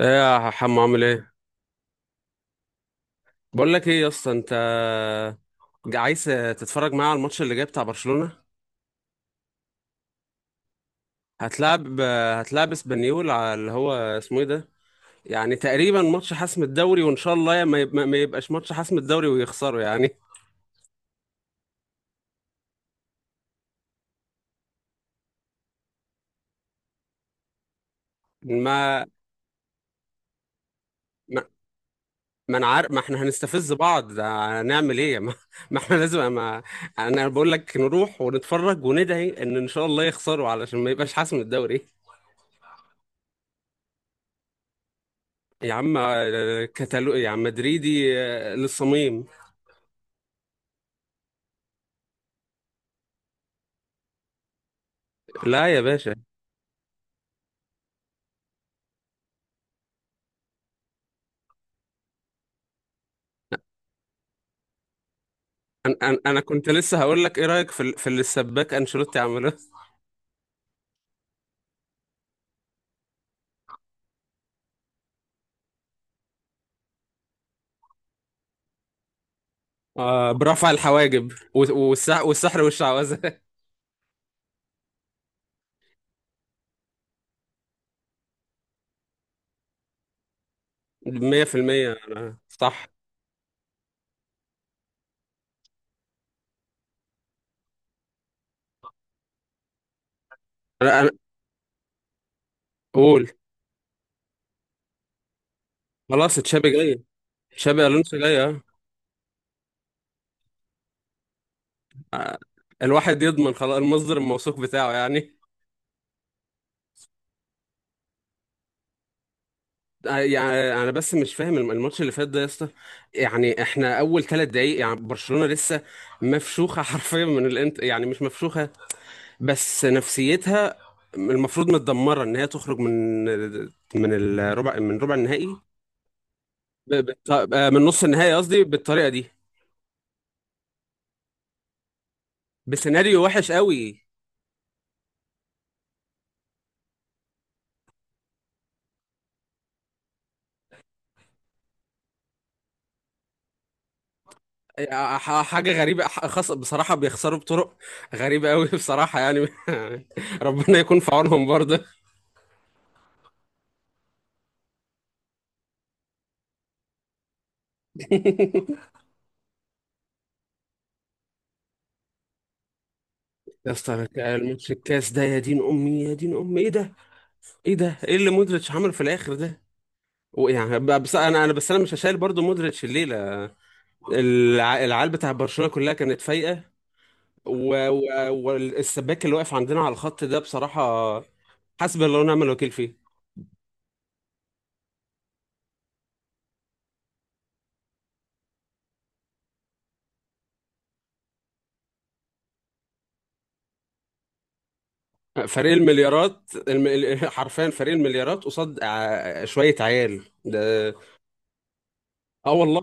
ايه يا حمو عامل ايه؟ بقول لك ايه يا اسطى، انت عايز تتفرج معايا على الماتش اللي جاي بتاع برشلونة؟ هتلعب اسبانيول على اللي هو اسمه ايه ده. يعني تقريبا ماتش حسم الدوري، وان شاء الله ما يبقاش ماتش حسم الدوري ويخسروا يعني. ما ما ما انا عارف، ما احنا هنستفز بعض، ده هنعمل ايه؟ ما, ما احنا لازم، ما انا بقول لك نروح ونتفرج وندعي ان شاء الله يخسروا علشان ما يبقاش حسم الدوري. يا عم آه، كتالو يا عم، مدريدي آه، للصميم. لا يا باشا. انا انا أنا كنت لسه هقول لك، ايه رايك في اللي السباك انشيلوتي عمله؟ آه، برفع الحواجب والسح والسحر والشعوذه. 100% صح. انا أنا- قول. خلاص تشابي جاي، تشابي الونسو جاي آه. الواحد يضمن خلاص المصدر الموثوق بتاعه يعني. آه، يعني انا بس مش فاهم الماتش اللي فات ده يا اسطى. يعني احنا اول ثلاث دقايق، يعني برشلونه لسه مفشوخه حرفيا من الانت. يعني مش مفشوخه، بس نفسيتها المفروض متدمره ان هي تخرج من من الربع من ربع النهائي، من نص النهائي قصدي، بالطريقه دي، بسيناريو وحش قوي. آه، حاجه غريبه، خاصه بصراحه بيخسروا بطرق غريبه قوي بصراحه يعني. ربنا يكون في عونهم برضه. يا اسطى الماتش الكاس ده، يا دين امي يا دين امي، ايه ده؟ ايه ده؟ ايه اللي مودريتش عمله في الاخر ده؟ يعني ب- بس انا انا بس انا مش هشايل برضه مودريتش الليله. العيال بتاع برشلونة كلها كانت فايقة، والسباك اللي واقف عندنا على الخط ده بصراحة حسبي الله ونعم الوكيل فيه. فريق المليارات، حرفيا فريق المليارات قصاد شوية عيال ده. اه والله.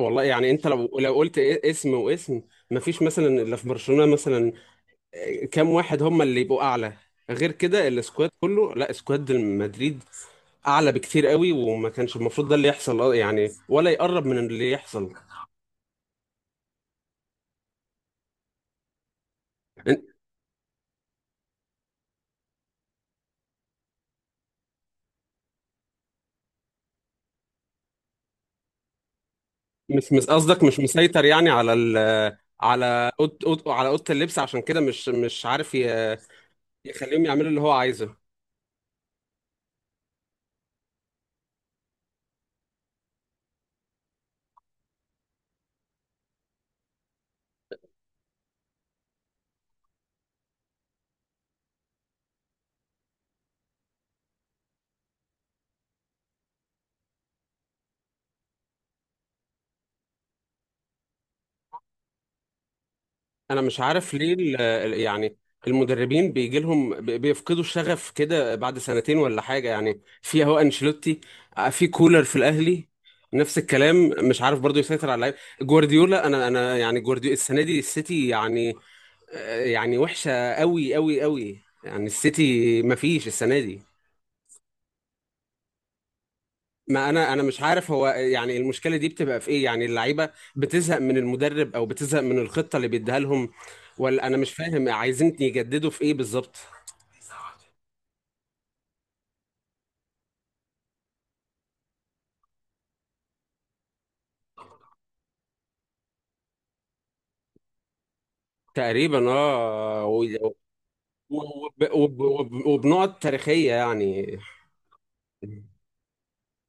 والله يعني انت لو قلت اسم واسم مفيش مثلا الا في برشلونة مثلا. آه، كام واحد هم اللي يبقوا اعلى؟ غير كده السكواد كله، لا، سكواد مدريد اعلى بكتير قوي، وما كانش المفروض ده اللي يحصل اه يعني، ولا يقرب من اللي يحصل. مش مس قصدك مش مسيطر يعني على ال على أوض أوض على أوضة اللبس، عشان كده مش عارف يخليهم يعملوا اللي هو عايزه. أنا مش عارف ليه يعني المدربين بيجي لهم بيفقدوا الشغف كده بعد سنتين ولا حاجة يعني. في أهو أنشيلوتي، آه، في كولر في الأهلي نفس الكلام، مش عارف برضو يسيطر على اللعيبة. جوارديولا، أنا أنا يعني جوارديولا السنة دي السيتي يعني آه، يعني وحشة قوي قوي قوي، يعني السيتي مفيش السنة دي. ما انا انا مش عارف هو يعني المشكله دي بتبقى في ايه، يعني اللعيبه بتزهق من المدرب او بتزهق من الخطه اللي بيديها لهم ولا انا مش فاهم عايزين يجددوا في ايه بالظبط. تقريبا اه وبنقط تاريخيه يعني.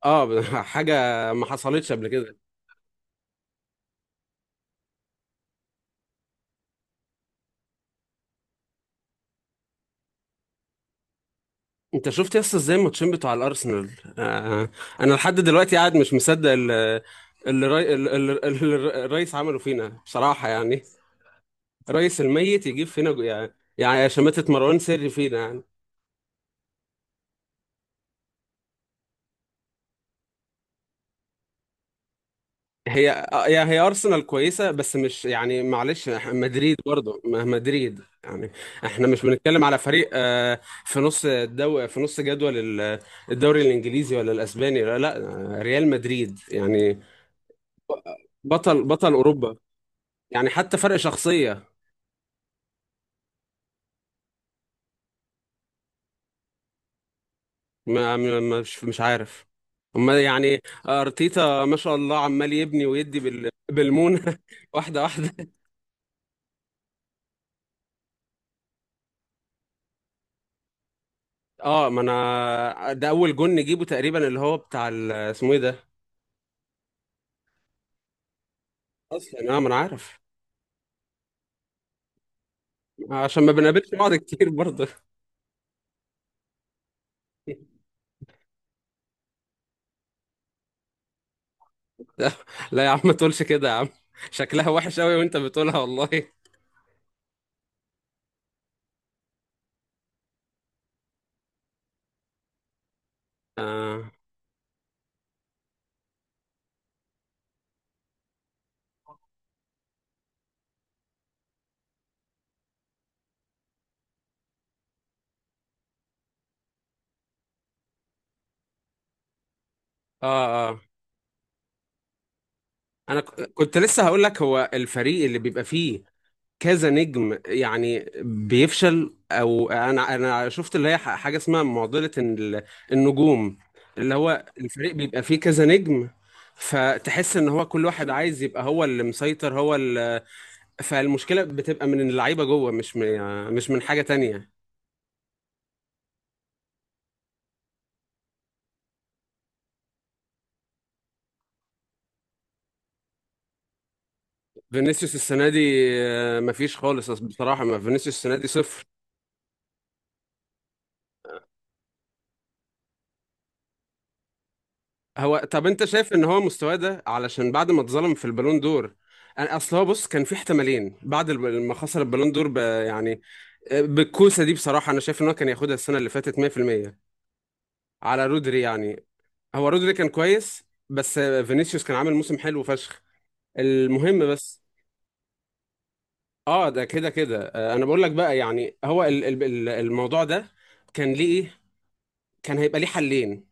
اه حاجه ما حصلتش قبل كده. انت شفت يس ازاي الماتشين بتوع الارسنال؟ آه آه، انا لحد دلوقتي قاعد مش مصدق اللي الرئيس عمله فينا بصراحه يعني. رئيس الميت يجيب فينا يعني يعني شماتة مروان سري فينا يعني. هي آه، يعني هي أرسنال كويسة بس مش يعني، معلش مدريد برضه مدريد يعني احنا مش بنتكلم على فريق آه، في نص جدول الدوري الإنجليزي ولا الأسباني، لا لا، آه، ريال مدريد يعني بطل أوروبا، يعني حتى فرق شخصية. مش عارف هما يعني. ارتيتا ما شاء الله عمال يبني ويدي بالمونه واحده واحده. اه، ما انا ده اول جون نجيبه تقريبا اللي هو بتاع اسمه ايه ده اصلا اه ما انا عارف. عشان ما بنقابلش بعض كتير برضه. لا لا يا عم ما تقولش كده يا عم، شكلها وحش قوي وانت بتقولها والله. اه اه, آه. انا كنت لسه هقول لك، هو الفريق اللي بيبقى فيه كذا نجم يعني بيفشل، او انا انا شفت اللي هي حاجه اسمها معضله النجوم، اللي هو الفريق بيبقى فيه كذا نجم، فتحس ان هو كل واحد عايز يبقى هو اللي مسيطر هو اللي، فالمشكله بتبقى من اللعيبه جوه، مش من يعني، مش من حاجه تانية. فينيسيوس السنه دي آه، مفيش خالص بصراحه، ما فينيسيوس السنه دي صفر. هو، طب انت شايف ان هو مستواه ده علشان بعد ما اتظلم في البالون دور؟ انا اصل هو، بص، كان في احتمالين بعد ما خسر البالون دور يعني آه، بالكوسه دي بصراحه، انا شايف ان هو كان ياخدها السنه اللي فاتت 100% على رودري يعني. هو رودري كان كويس بس فينيسيوس كان عامل موسم حلو فشخ. المهم، بس اه ده كده كده آه، انا بقول لك بقى، يعني هو الموضوع ده كان ليه ايه، كان هيبقى ليه حلين: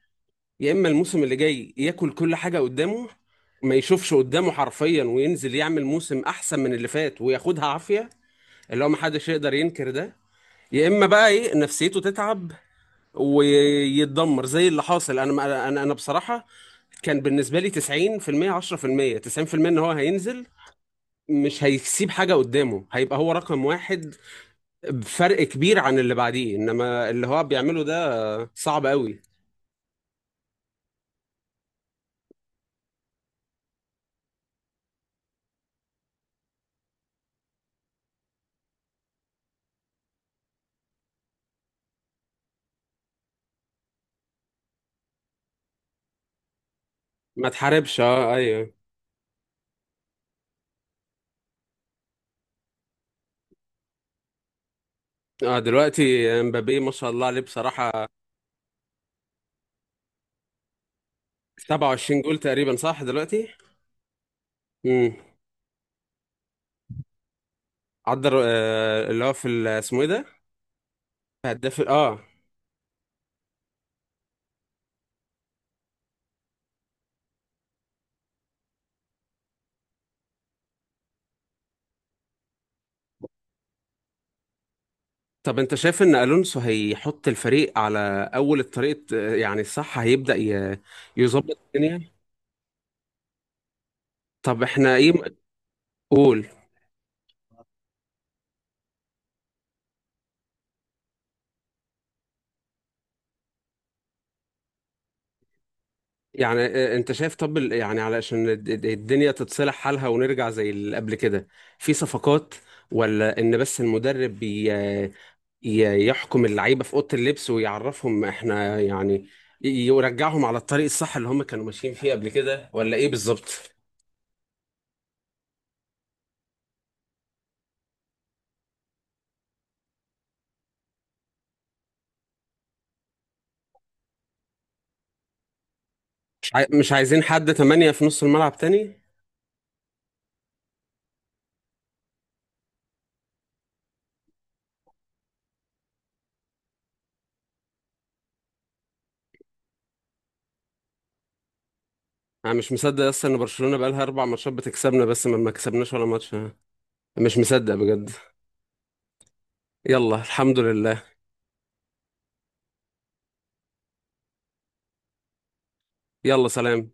يا اما الموسم اللي جاي ياكل كل حاجه قدامه، ما يشوفش قدامه حرفيا، وينزل يعمل موسم احسن من اللي فات وياخدها عافيه، اللي هو ما حدش يقدر ينكر ده، يا اما بقى ايه نفسيته تتعب ويتدمر زي اللي حاصل. انا بصراحه كان بالنسبه لي 90% 10%، 90% ان هو هينزل مش هيسيب حاجه قدامه، هيبقى هو رقم واحد بفرق كبير عن اللي بعديه، انما اللي هو بيعمله ده صعب قوي. ما تحاربش، اه ايوه. اه دلوقتي امبابي ما شاء الله عليه بصراحة، 27 جول تقريبا صح دلوقتي. امم، عدى آه، اللي هو في اسمه ايه ده، هداف اه. طب انت شايف ان الونسو هيحط الفريق على اول الطريق آه، يعني صح، هيبدأ يظبط الدنيا؟ طب احنا ايه قول، يعني آه، آه، انت شايف طب يعني علشان الدنيا تتصلح حالها ونرجع زي اللي قبل كده، في صفقات ولا ان بس المدرب يحكم اللعيبه في اوضه اللبس ويعرفهم احنا يعني يرجعهم على الطريق الصح اللي هم كانوا ماشيين فيه قبل كده، ولا ايه بالظبط؟ مش عايزين حد تمانية في نص الملعب تاني. انا مش مصدق اصلا ان برشلونه بقالها اربع ماتشات بتكسبنا بس، ما كسبناش ولا ماتش. أنا مش مصدق بجد. يلا الحمد لله. يلا سلام.